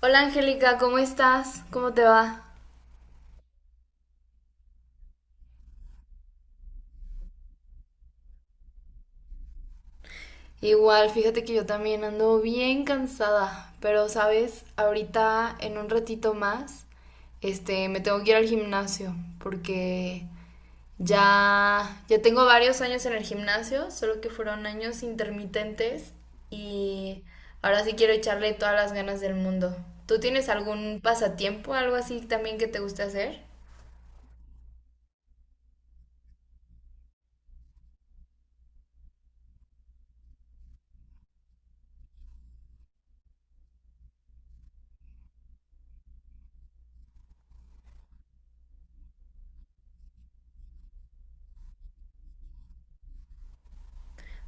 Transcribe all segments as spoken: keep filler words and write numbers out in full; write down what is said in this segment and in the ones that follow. Hola Angélica, ¿cómo estás? ¿Cómo te va? Igual, fíjate que yo también ando bien cansada, pero sabes, ahorita en un ratito más, este, me tengo que ir al gimnasio porque ya ya tengo varios años en el gimnasio, solo que fueron años intermitentes y ahora sí quiero echarle todas las ganas del mundo. ¿Tú tienes algún pasatiempo, algo así también que te guste hacer?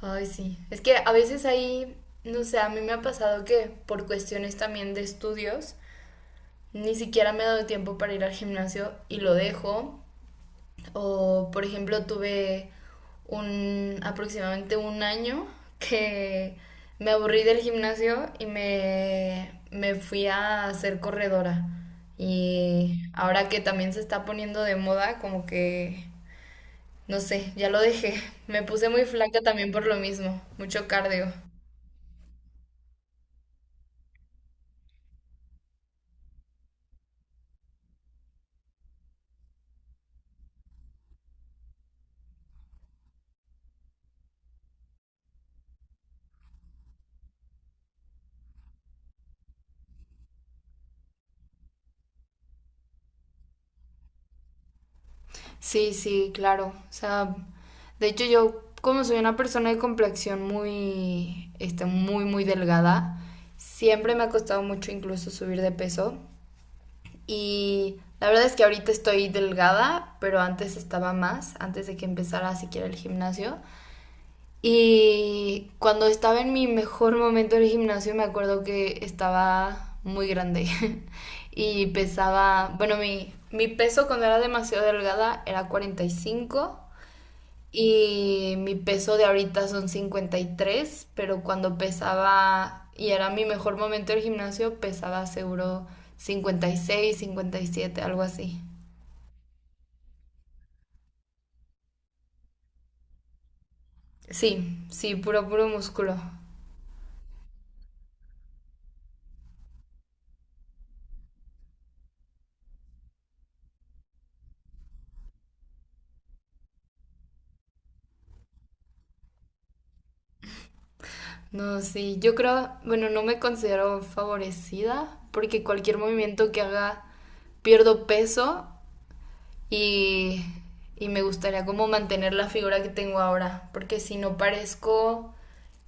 Ay, sí. Es que a veces ahí, no sé, a mí me ha pasado que por cuestiones también de estudios, ni siquiera me he dado tiempo para ir al gimnasio y lo dejo. O, por ejemplo, tuve un aproximadamente un año que me aburrí del gimnasio y me, me fui a hacer corredora. Y ahora que también se está poniendo de moda, como que, no sé, ya lo dejé. Me puse muy flaca también por lo mismo, mucho cardio. Sí, sí, claro. O sea, de hecho yo como soy una persona de complexión muy, este, muy, muy delgada, siempre me ha costado mucho incluso subir de peso. Y la verdad es que ahorita estoy delgada, pero antes estaba más, antes de que empezara siquiera el gimnasio. Y cuando estaba en mi mejor momento del gimnasio me acuerdo que estaba muy grande y pesaba, bueno, mi, mi peso cuando era demasiado delgada era cuarenta y cinco, y mi peso de ahorita son cincuenta y tres, pero cuando pesaba y era mi mejor momento del gimnasio, pesaba seguro cincuenta, cincuenta y seis, cincuenta y siete, algo así. Sí, sí, puro, puro músculo. No, sí, yo creo, bueno, no me considero favorecida porque cualquier movimiento que haga pierdo peso y, y me gustaría como mantener la figura que tengo ahora, porque si no parezco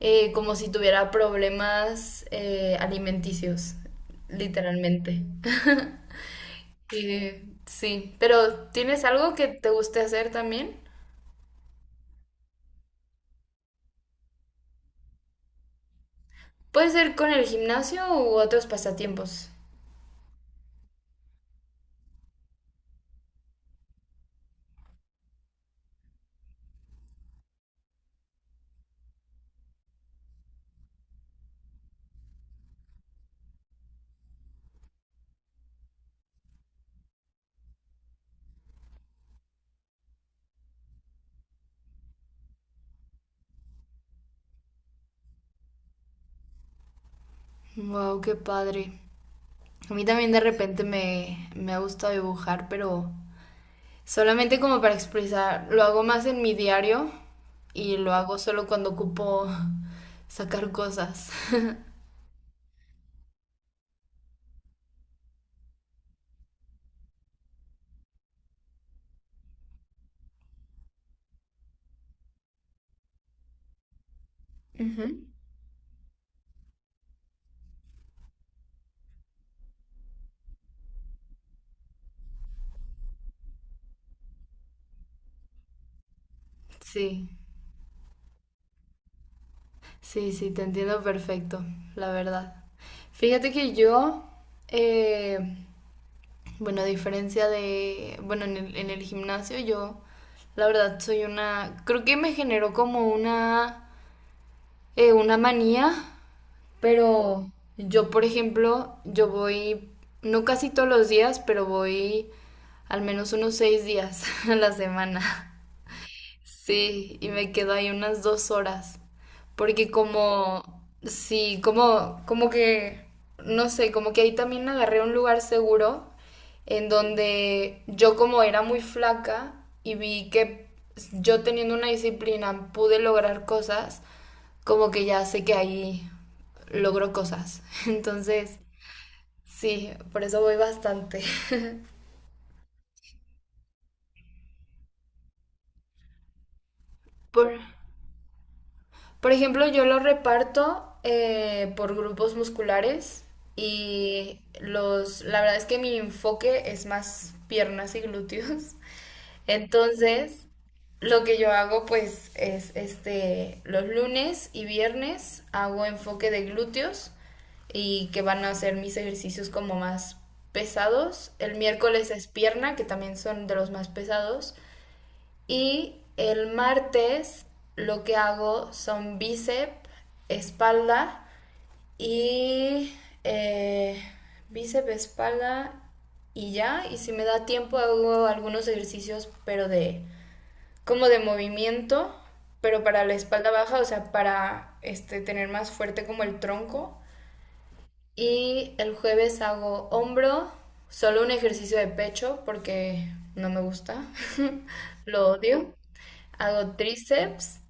eh, como si tuviera problemas eh, alimenticios, literalmente. Y, sí, pero ¿tienes algo que te guste hacer también? Puede ser con el gimnasio u otros pasatiempos. Wow, qué padre. A mí también de repente me, me ha gustado dibujar, pero solamente como para expresar, lo hago más en mi diario y lo hago solo cuando ocupo sacar cosas. Ujú. Sí, sí, sí, te entiendo perfecto, la verdad. Fíjate que yo, eh, bueno, a diferencia de, bueno, en el, en el gimnasio yo, la verdad, soy una, creo que me generó como una, eh, una manía. Pero yo, por ejemplo, yo voy, no casi todos los días, pero voy al menos unos seis días a la semana. Sí, y me quedo ahí unas dos horas. Porque como, sí, como, como que, no sé, como que ahí también agarré un lugar seguro en donde yo como era muy flaca y vi que yo teniendo una disciplina pude lograr cosas, como que ya sé que ahí logro cosas. Entonces, sí, por eso voy bastante. Por... Por ejemplo, yo lo reparto eh, por grupos musculares y los, la verdad es que mi enfoque es más piernas y glúteos. Entonces, lo que yo hago pues es este, los lunes y viernes hago enfoque de glúteos y que van a ser mis ejercicios como más pesados. El miércoles es pierna, que también son de los más pesados. Y el martes lo que hago son bíceps, espalda y eh, bíceps, espalda y ya. Y si me da tiempo hago algunos ejercicios, pero de como de movimiento, pero para la espalda baja, o sea, para este, tener más fuerte como el tronco. Y el jueves hago hombro, solo un ejercicio de pecho porque no me gusta, lo odio. Hago tríceps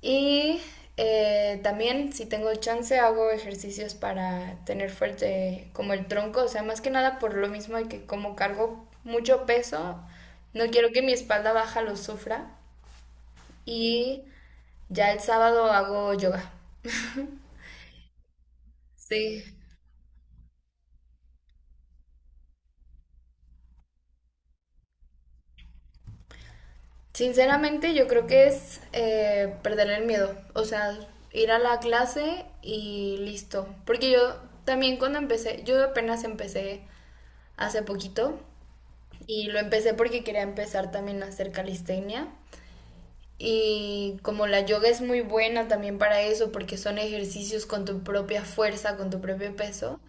y eh, también si tengo chance hago ejercicios para tener fuerte como el tronco, o sea, más que nada por lo mismo de que como cargo mucho peso, no quiero que mi espalda baja lo sufra. Y ya el sábado hago yoga. Sí, sinceramente, yo creo que es eh, perder el miedo, o sea, ir a la clase y listo. Porque yo también cuando empecé, yo apenas empecé hace poquito y lo empecé porque quería empezar también a hacer calistenia. Y como la yoga es muy buena también para eso, porque son ejercicios con tu propia fuerza, con tu propio peso,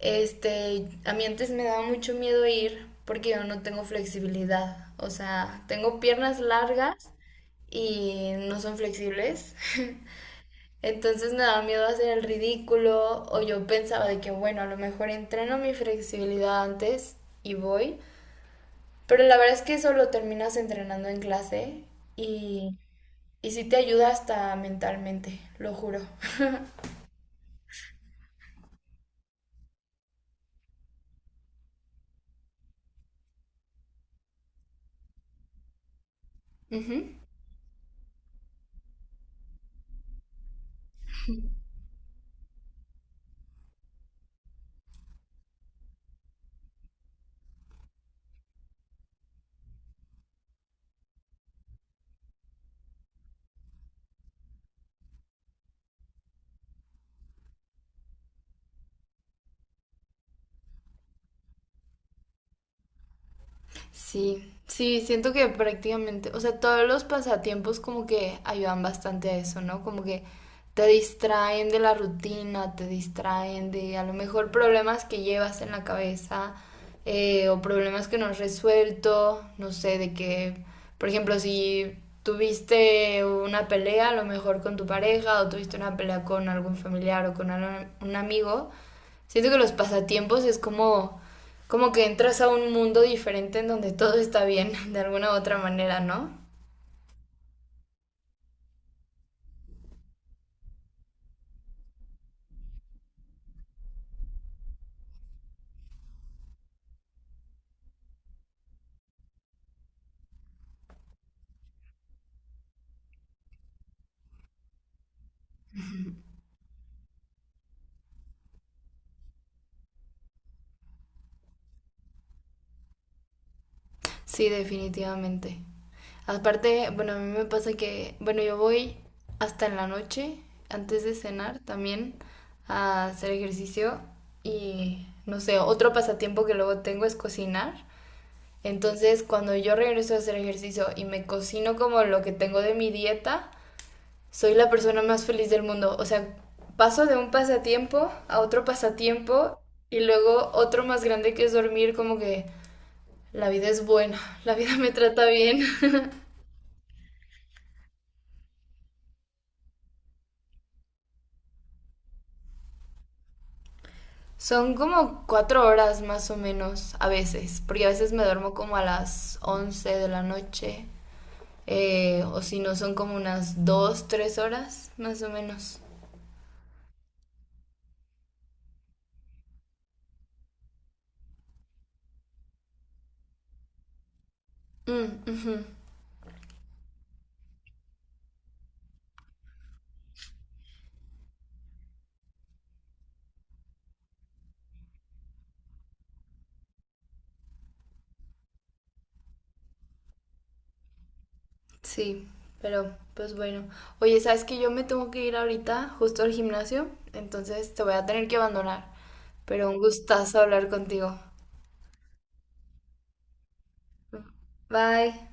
este, a mí antes me daba mucho miedo ir porque yo no tengo flexibilidad. O sea, tengo piernas largas y no son flexibles. Entonces me daba miedo hacer el ridículo o yo pensaba de que, bueno, a lo mejor entreno mi flexibilidad antes y voy. Pero la verdad es que eso lo terminas entrenando en clase y, y sí te ayuda hasta mentalmente, lo juro. Ujú. Sí, sí, siento que prácticamente, o sea, todos los pasatiempos como que ayudan bastante a eso, ¿no? Como que te distraen de la rutina, te distraen de a lo mejor problemas que llevas en la cabeza eh, o problemas que no has resuelto, no sé, de que, por ejemplo, si tuviste una pelea a lo mejor con tu pareja o tuviste una pelea con algún familiar o con algún- un amigo, siento que los pasatiempos es como como que entras a un mundo diferente en donde todo está bien, de alguna u otra manera, ¿no? Sí, definitivamente. Aparte, bueno, a mí me pasa que, bueno, yo voy hasta en la noche, antes de cenar también, a hacer ejercicio y, no sé, otro pasatiempo que luego tengo es cocinar. Entonces, cuando yo regreso a hacer ejercicio y me cocino como lo que tengo de mi dieta, soy la persona más feliz del mundo. O sea, paso de un pasatiempo a otro pasatiempo y luego otro más grande que es dormir, como que la vida es buena, la vida me trata bien. Son como cuatro horas más o menos a veces, porque a veces me duermo como a las once de la noche, eh, o si no son como unas dos, tres horas más o menos. Mm, ujú. Sí, pero pues bueno. Oye, sabes que yo me tengo que ir ahorita justo al gimnasio, entonces te voy a tener que abandonar. Pero un gustazo hablar contigo. Bye.